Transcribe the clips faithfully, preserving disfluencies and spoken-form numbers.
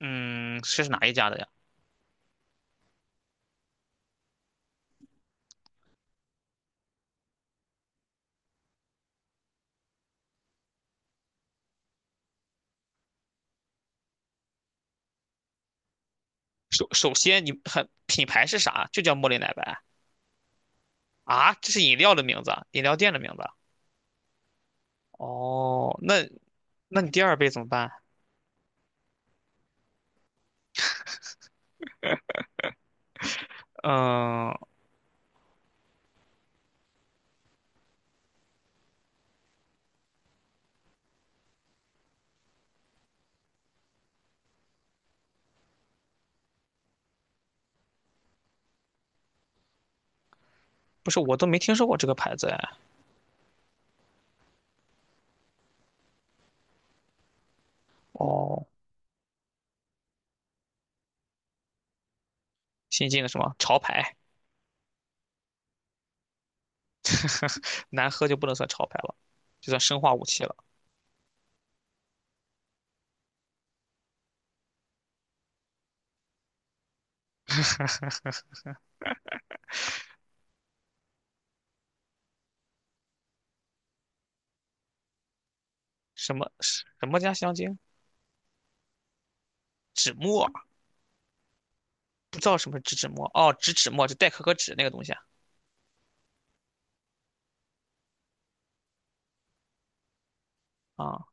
嗯，这是哪一家的呀？首首先，你很品牌是啥？就叫茉莉奶白。啊？这是饮料的名字啊，饮料店的名字啊。哦，那那你第二杯怎么办？嗯，不是，我都没听说过这个牌子哎。哦，新进的什么潮牌，难喝就不能算潮牌了，就算生化武器了。什么什么加香精？纸墨？不知道什么是纸纸墨？哦，纸纸墨就代可可脂那个东西啊。啊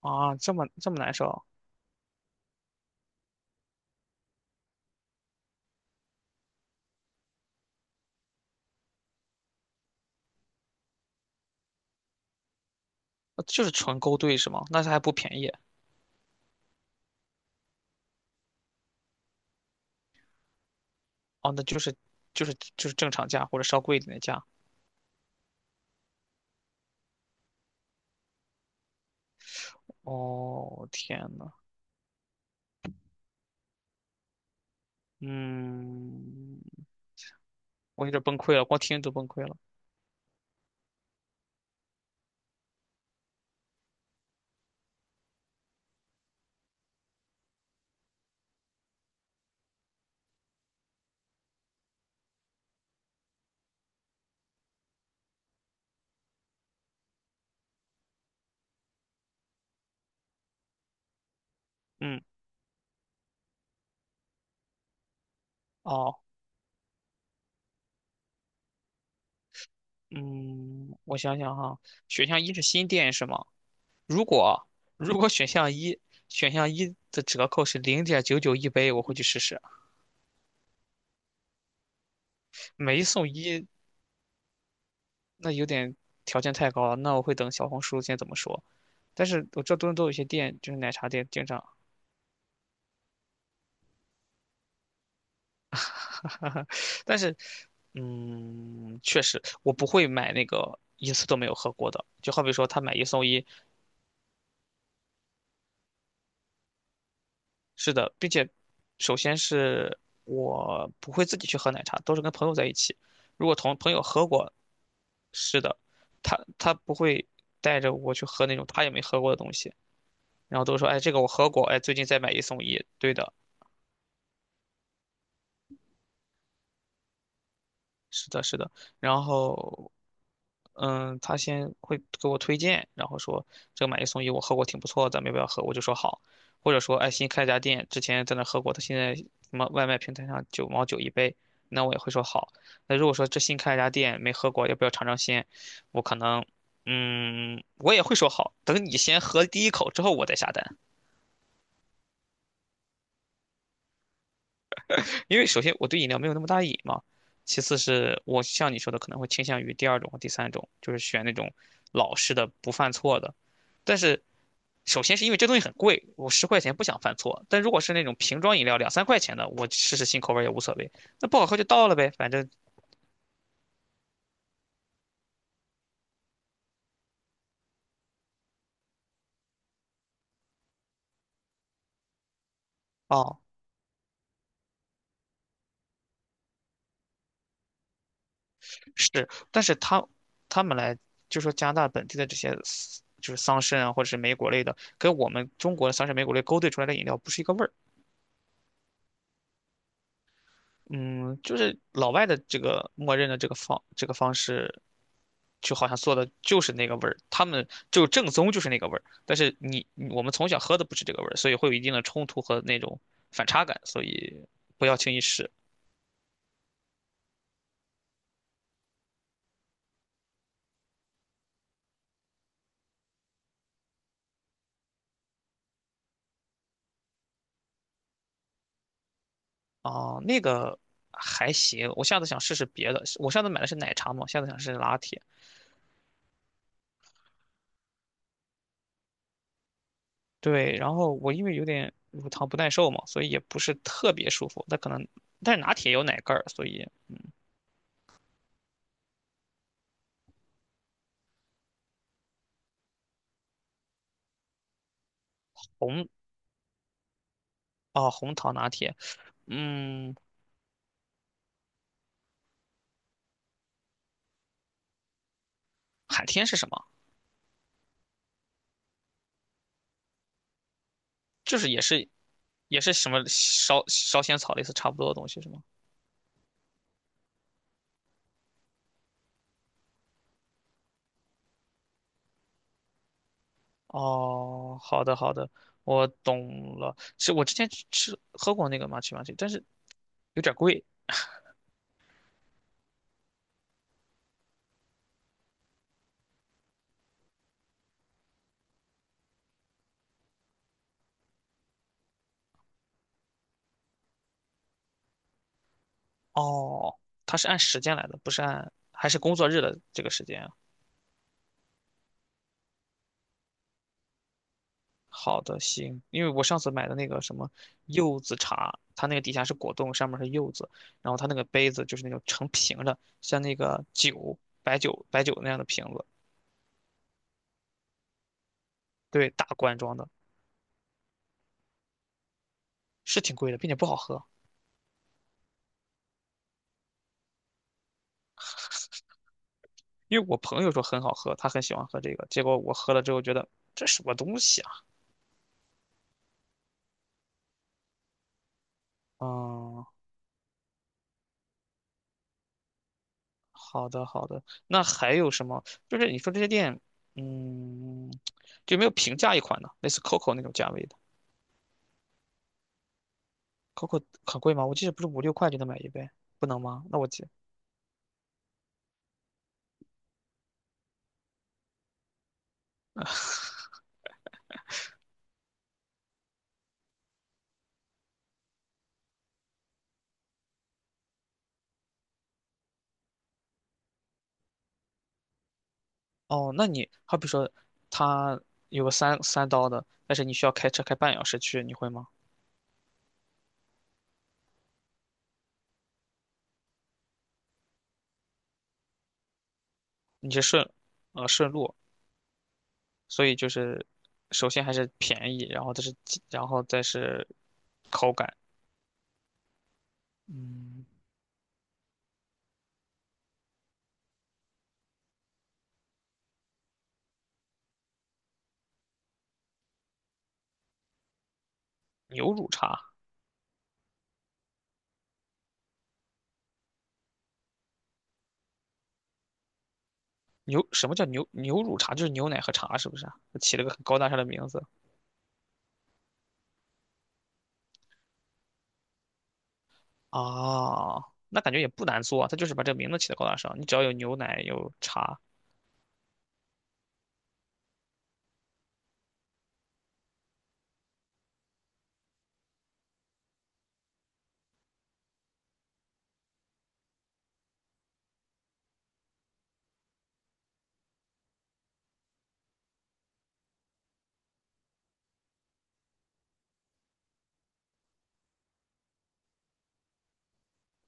啊，这么这么难受。呃就是纯勾兑是吗？那它还不便宜。哦，那就是就是就是正常价或者稍贵一点的价。哦，天呐，嗯，我有点崩溃了，光听都崩溃了。嗯，哦，嗯，我想想哈，选项一是新店是吗？如果如果选项一选项一的折扣是零点九九一杯，我会去试试。买一送一，那有点条件太高了，那我会等小红书先怎么说。但是我这道多伦多有些店，就是奶茶店，经常 但是，嗯，确实，我不会买那个一次都没有喝过的。就好比说，他买一送一，是的，并且，首先是我不会自己去喝奶茶，都是跟朋友在一起。如果同朋友喝过，是的，他他不会带着我去喝那种他也没喝过的东西，然后都说，哎，这个我喝过，哎，最近再买一送一，对的，是的，是的。然后，嗯，他先会给我推荐，然后说这个买一送一我喝过挺不错的，咱们要不要喝？我就说好，或者说哎新开一家店，之前在那喝过，他现在什么外卖平台上九毛九一杯，那我也会说好。那如果说这新开一家店没喝过，要不要尝尝鲜？我可能，嗯，我也会说好，等你先喝第一口之后我再下单。因为首先我对饮料没有那么大瘾嘛，其次是我像你说的可能会倾向于第二种和第三种，就是选那种老式的不犯错的。但是首先是因为这东西很贵，我十块钱不想犯错。但如果是那种瓶装饮料两三块钱的，我试试新口味也无所谓，那不好喝就倒了呗，反正哦是。但是他他们来就说加拿大本地的这些就是桑葚啊或者是莓果类的，跟我们中国的桑葚莓果类勾兑出来的饮料不是一个味儿。嗯，就是老外的这个默认的这个方这个方式，就好像做的就是那个味儿，他们就正宗就是那个味儿。但是你你我们从小喝的不是这个味儿，所以会有一定的冲突和那种反差感，所以不要轻易试。啊、那个还行，我下次想试试别的。我上次买的是奶茶嘛，下次想试试拿铁。对，然后我因为有点乳糖不耐受嘛，所以也不是特别舒服。那可能，但是拿铁有奶盖儿，所以红啊、红糖拿铁，嗯。海天是什么？就是也是也是什么烧烧仙草类似差不多的东西是吗？哦，好的好的，我懂了。是我之前吃吃喝过那个麻糬麻糬，但是有点贵。哦，它是按时间来的，不是按还是工作日的这个时间啊好的，行，因为我上次买的那个什么柚子茶，它那个底下是果冻，上面是柚子，然后它那个杯子就是那种成瓶的，像那个酒白酒白酒那样的瓶子，对，大罐装的。是挺贵的，并且不好喝。因为我朋友说很好喝，他很喜欢喝这个，结果我喝了之后觉得这什么东西啊？嗯，好的好的。那还有什么？就是你说这些店，嗯，就有没有平价一款的，类似 COCO 那种价位的？COCO 很贵吗？我记得不是五六块就能买一杯，不能吗？那我记哦，那你好比说他有个三三刀的，但是你需要开车开半小时去，你会吗？你是顺呃顺路所以就是首先还是便宜，然后它是鸡然后再是口感，嗯，牛乳茶，牛什么叫牛牛乳茶？就是牛奶和茶，是不是啊？它起了个很高大上的名字啊，那感觉也不难做啊，它就是把这个名字起的高大上，你只要有牛奶有茶。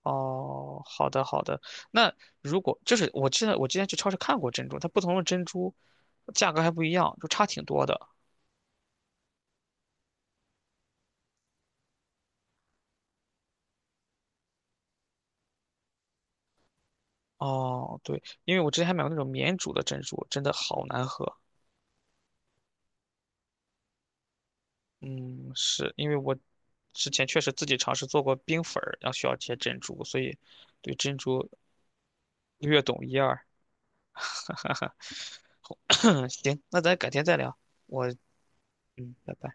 哦，好的好的，那如果就是我记得我之前去超市看过珍珠，它不同的珍珠价格还不一样，就差挺多的。哦，对，因为我之前还买过那种免煮的珍珠，真的好难喝。嗯，是因为我之前确实自己尝试做过冰粉儿，然后需要切珍珠，所以对珍珠略懂一二。行，那咱改天再聊。我嗯，拜拜。